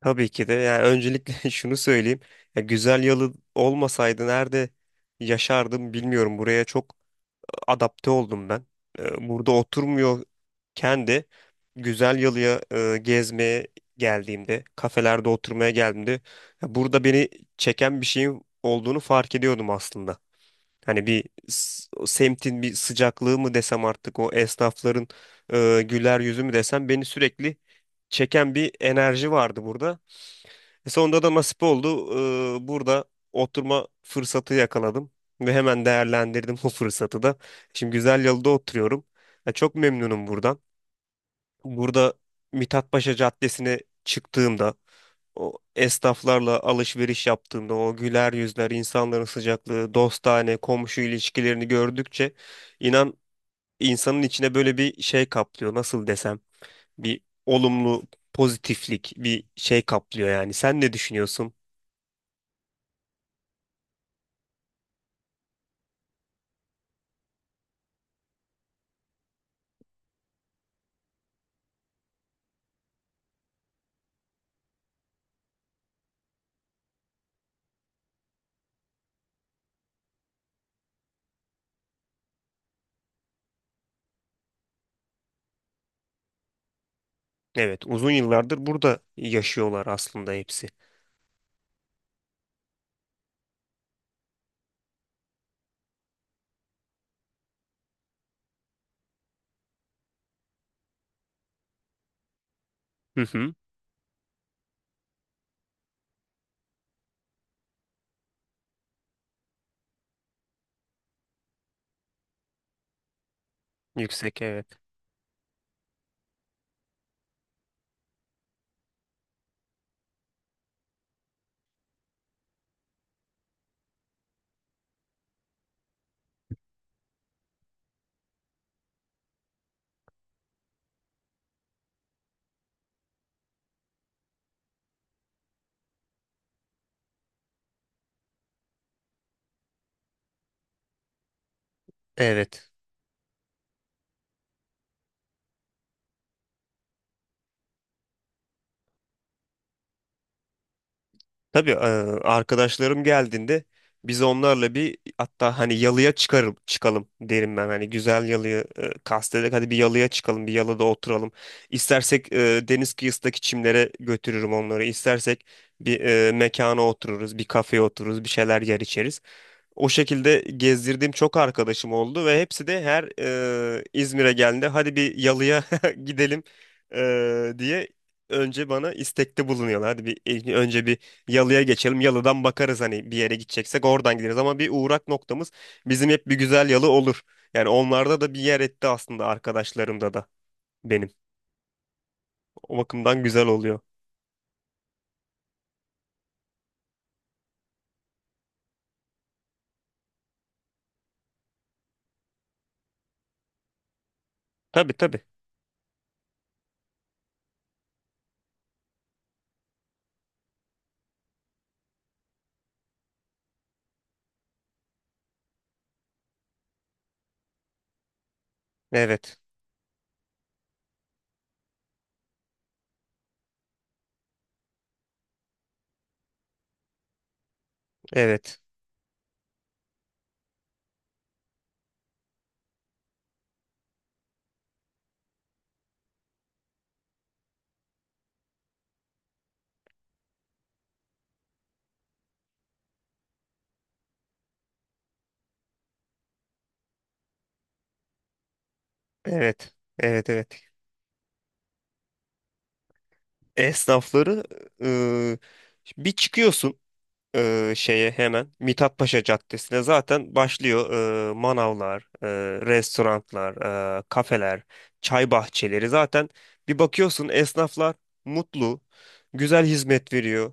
Tabii ki de. Yani öncelikle şunu söyleyeyim. Ya güzel yalı olmasaydı nerede yaşardım bilmiyorum. Buraya çok adapte oldum ben. Burada oturmuyorken de güzel yalıya gezmeye geldiğimde, kafelerde oturmaya geldiğimde ya burada beni çeken bir şeyin olduğunu fark ediyordum aslında. O semtin bir sıcaklığı mı desem artık o esnafların güler yüzü mü desem beni sürekli çeken bir enerji vardı burada. Sonunda da nasip oldu. Burada oturma fırsatı yakaladım ve hemen değerlendirdim bu fırsatı da. Şimdi güzel yalıda oturuyorum. Ya çok memnunum buradan. Burada Mithatpaşa Caddesi'ne çıktığımda o esnaflarla alışveriş yaptığımda o güler yüzler, insanların sıcaklığı, dostane, komşu ilişkilerini gördükçe inan insanın içine böyle bir şey kaplıyor. Nasıl desem? Bir olumlu pozitiflik, bir şey kaplıyor yani. Sen ne düşünüyorsun? Evet, uzun yıllardır burada yaşıyorlar aslında hepsi. Hı hı. Yüksek evet. Evet. Tabii arkadaşlarım geldiğinde biz onlarla bir hatta hani yalıya çıkarım, çıkalım derim ben. Hani güzel yalıyı kastederek hadi bir yalıya çıkalım, bir yalıda oturalım. İstersek deniz kıyısındaki çimlere götürürüm onları. İstersek bir mekana otururuz, bir kafeye otururuz, bir şeyler yer içeriz. O şekilde gezdirdiğim çok arkadaşım oldu ve hepsi de her İzmir'e geldiğinde hadi bir yalıya gidelim diye önce bana istekte bulunuyorlar. Hadi bir önce bir yalıya geçelim. Yalıdan bakarız hani bir yere gideceksek oradan gideriz ama bir uğrak noktamız bizim hep bir güzel yalı olur. Yani onlarda da bir yer etti aslında arkadaşlarımda da benim. O bakımdan güzel oluyor. Tabii, tabii. Evet. Evet. Evet. Evet, evet. Esnafları e, bir çıkıyorsun şeye hemen Mithat Paşa Caddesi'ne zaten başlıyor manavlar, restoranlar, kafeler, çay bahçeleri. Zaten bir bakıyorsun esnaflar mutlu, güzel hizmet veriyor.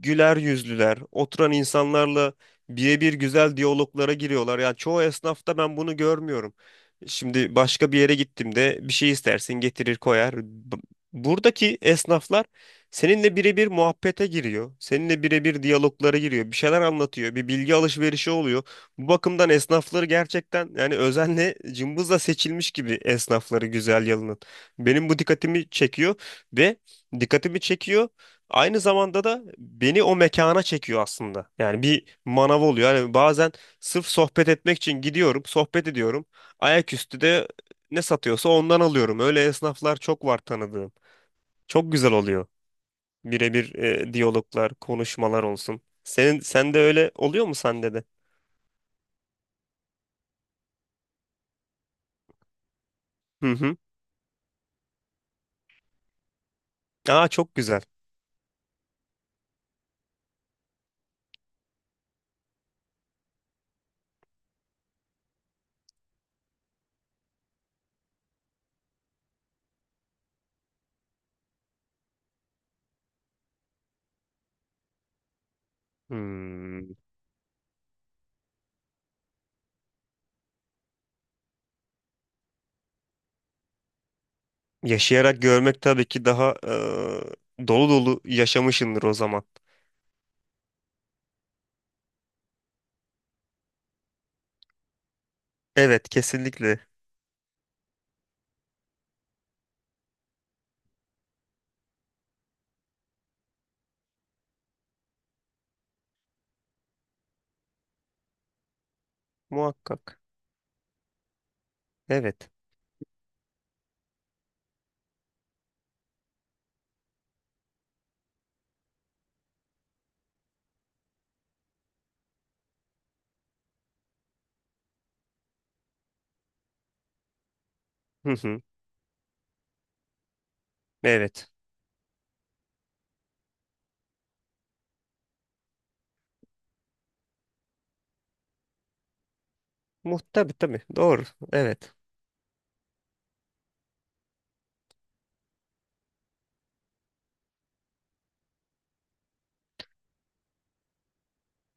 Güler yüzlüler, oturan insanlarla birebir güzel diyaloglara giriyorlar. Yani çoğu esnafta ben bunu görmüyorum. Şimdi başka bir yere gittim de bir şey istersin getirir koyar. Buradaki esnaflar seninle birebir muhabbete giriyor. Seninle birebir diyaloglara giriyor. Bir şeyler anlatıyor. Bir bilgi alışverişi oluyor. Bu bakımdan esnafları gerçekten yani özenle cımbızla seçilmiş gibi esnafları güzel yalının. Benim bu dikkatimi çekiyor ve dikkatimi çekiyor. Aynı zamanda da beni o mekana çekiyor aslında. Yani bir manav oluyor. Yani bazen sırf sohbet etmek için gidiyorum, sohbet ediyorum. Ayaküstü de ne satıyorsa ondan alıyorum. Öyle esnaflar çok var tanıdığım. Çok güzel oluyor. Birebir diyaloglar, konuşmalar olsun. Senin sen de öyle oluyor mu sende de? Hı hı. Aa, çok güzel. Hmm. Yaşayarak görmek tabii ki daha dolu dolu yaşamışındır o zaman. Evet, kesinlikle. Muhakkak. Evet. Hı hı. Evet. Muht tabii, tabii. Doğru. Evet.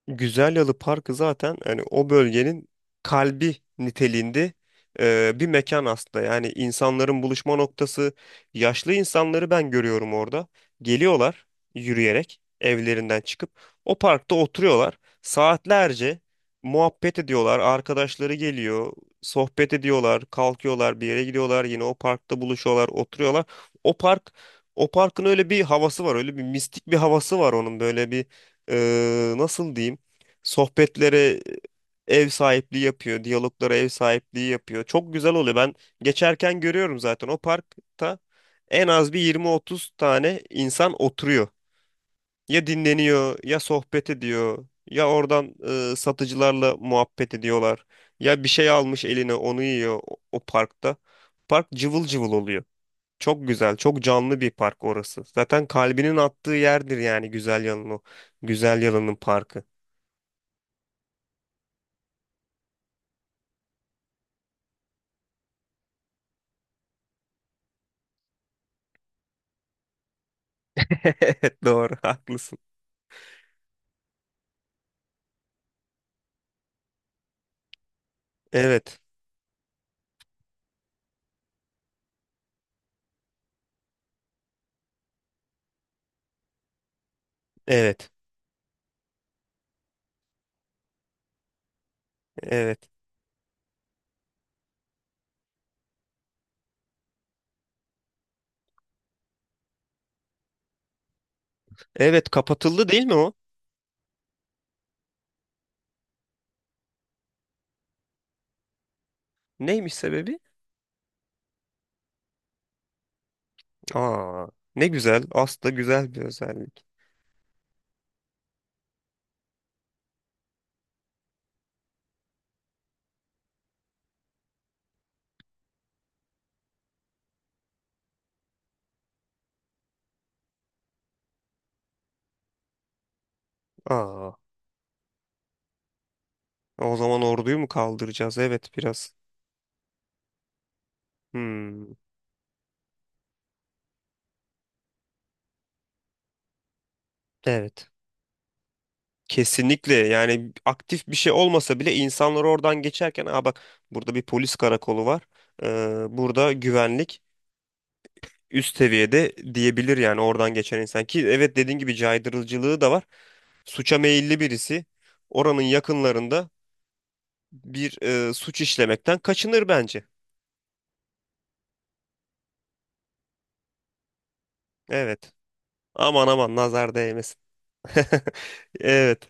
Güzelyalı Parkı zaten hani o bölgenin kalbi niteliğinde bir mekan aslında. Yani insanların buluşma noktası. Yaşlı insanları ben görüyorum orada. Geliyorlar yürüyerek evlerinden çıkıp o parkta oturuyorlar. Saatlerce muhabbet ediyorlar. Arkadaşları geliyor, sohbet ediyorlar, kalkıyorlar, bir yere gidiyorlar, yine o parkta buluşuyorlar, oturuyorlar. O park o parkın öyle bir havası var, öyle bir mistik bir havası var onun böyle bir nasıl diyeyim? Sohbetlere ev sahipliği yapıyor, diyaloglara ev sahipliği yapıyor. Çok güzel oluyor. Ben geçerken görüyorum zaten o parkta en az bir 20-30 tane insan oturuyor. Ya dinleniyor, ya sohbet ediyor, ya oradan satıcılarla muhabbet ediyorlar. Ya bir şey almış eline onu yiyor o, o parkta. Park cıvıl cıvıl oluyor. Çok güzel, çok canlı bir park orası. Zaten kalbinin attığı yerdir yani güzel yanın o. Güzel Yalı'nın parkı. Evet, doğru haklısın. Evet. Evet. Evet. Evet, kapatıldı değil mi o? Neymiş sebebi? Aa, ne güzel. Aslında güzel bir özellik. Aa, o zaman orduyu mu kaldıracağız? Evet, biraz. Hmm, evet. Kesinlikle yani aktif bir şey olmasa bile insanlar oradan geçerken aa bak burada bir polis karakolu var. Burada güvenlik üst seviyede diyebilir yani oradan geçen insan ki evet dediğin gibi caydırıcılığı da var. Suça meyilli birisi oranın yakınlarında bir suç işlemekten kaçınır bence. Evet. Aman aman nazar değmesin. Evet.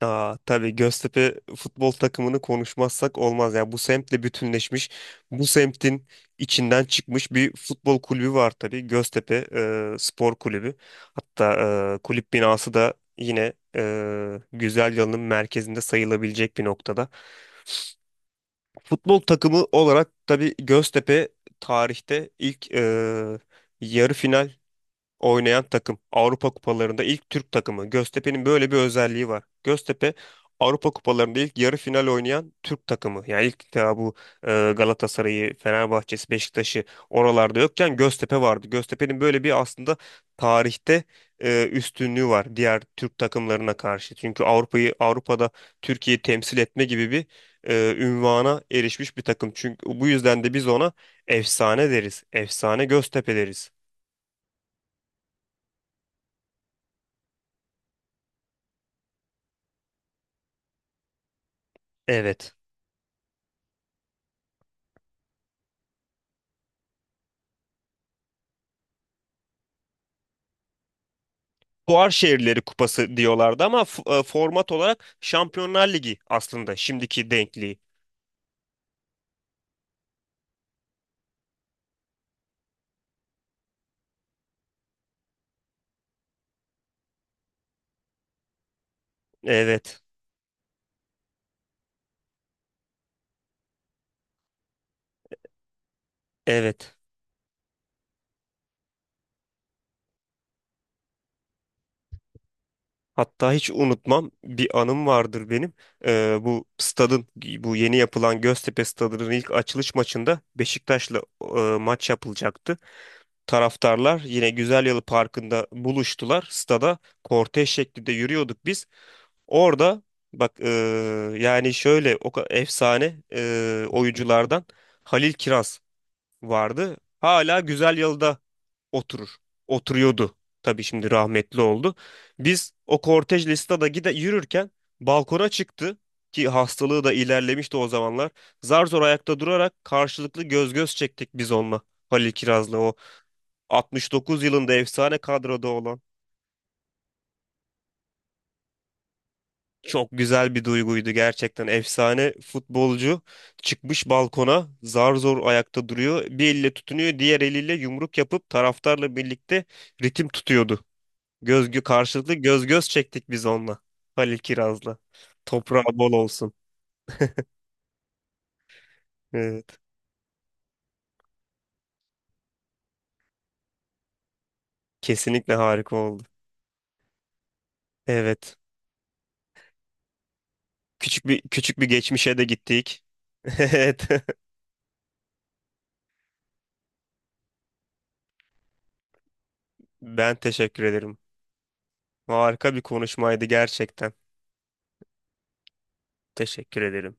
Aa, tabii Göztepe futbol takımını konuşmazsak olmaz. Ya bu semtle bütünleşmiş, bu semtin içinden çıkmış bir futbol kulübü var tabii. Göztepe Spor Kulübü. Hatta kulüp binası da yine Güzelyalı'nın merkezinde sayılabilecek bir noktada. Futbol takımı olarak tabii Göztepe tarihte ilk yarı final oynayan takım. Avrupa kupalarında ilk Türk takımı. Göztepe'nin böyle bir özelliği var. Göztepe Avrupa kupalarında ilk yarı final oynayan Türk takımı. Yani ilk daha bu Galatasaray'ı, Fenerbahçe'si, Beşiktaş'ı oralarda yokken Göztepe vardı. Göztepe'nin böyle bir aslında tarihte üstünlüğü var diğer Türk takımlarına karşı. Çünkü Avrupa'yı Avrupa'da Türkiye'yi temsil etme gibi bir ünvana erişmiş bir takım. Çünkü bu yüzden de biz ona efsane deriz. Efsane Göztepe deriz. Evet. Fuar Şehirleri Kupası diyorlardı ama format olarak Şampiyonlar Ligi aslında şimdiki denkliği. Evet, evet. Hatta hiç unutmam bir anım vardır benim. Bu stadın, bu yeni yapılan Göztepe Stadı'nın ilk açılış maçında Beşiktaş'la maç yapılacaktı. Taraftarlar yine Güzelyalı Parkı'nda buluştular. Stada kortej şeklinde yürüyorduk biz. Orada bak e, yani şöyle efsane oyunculardan Halil Kiraz vardı. Hala güzel yılda oturur. Oturuyordu. Tabii şimdi rahmetli oldu. Biz o kortej listada gide yürürken balkona çıktı ki hastalığı da ilerlemişti o zamanlar. Zar zor ayakta durarak karşılıklı göz göz çektik biz onunla. Halil Kiraz'la o 69 yılında efsane kadroda olan. Çok güzel bir duyguydu gerçekten. Efsane futbolcu çıkmış balkona zar zor ayakta duruyor. Bir elle tutunuyor, diğer eliyle yumruk yapıp taraftarla birlikte ritim tutuyordu. Karşılıklı göz göz çektik biz onunla. Halil Kiraz'la. Toprağı bol olsun. Evet. Kesinlikle harika oldu. Evet. Küçük bir küçük bir geçmişe de gittik. Evet. Ben teşekkür ederim. Harika bir konuşmaydı gerçekten. Teşekkür ederim.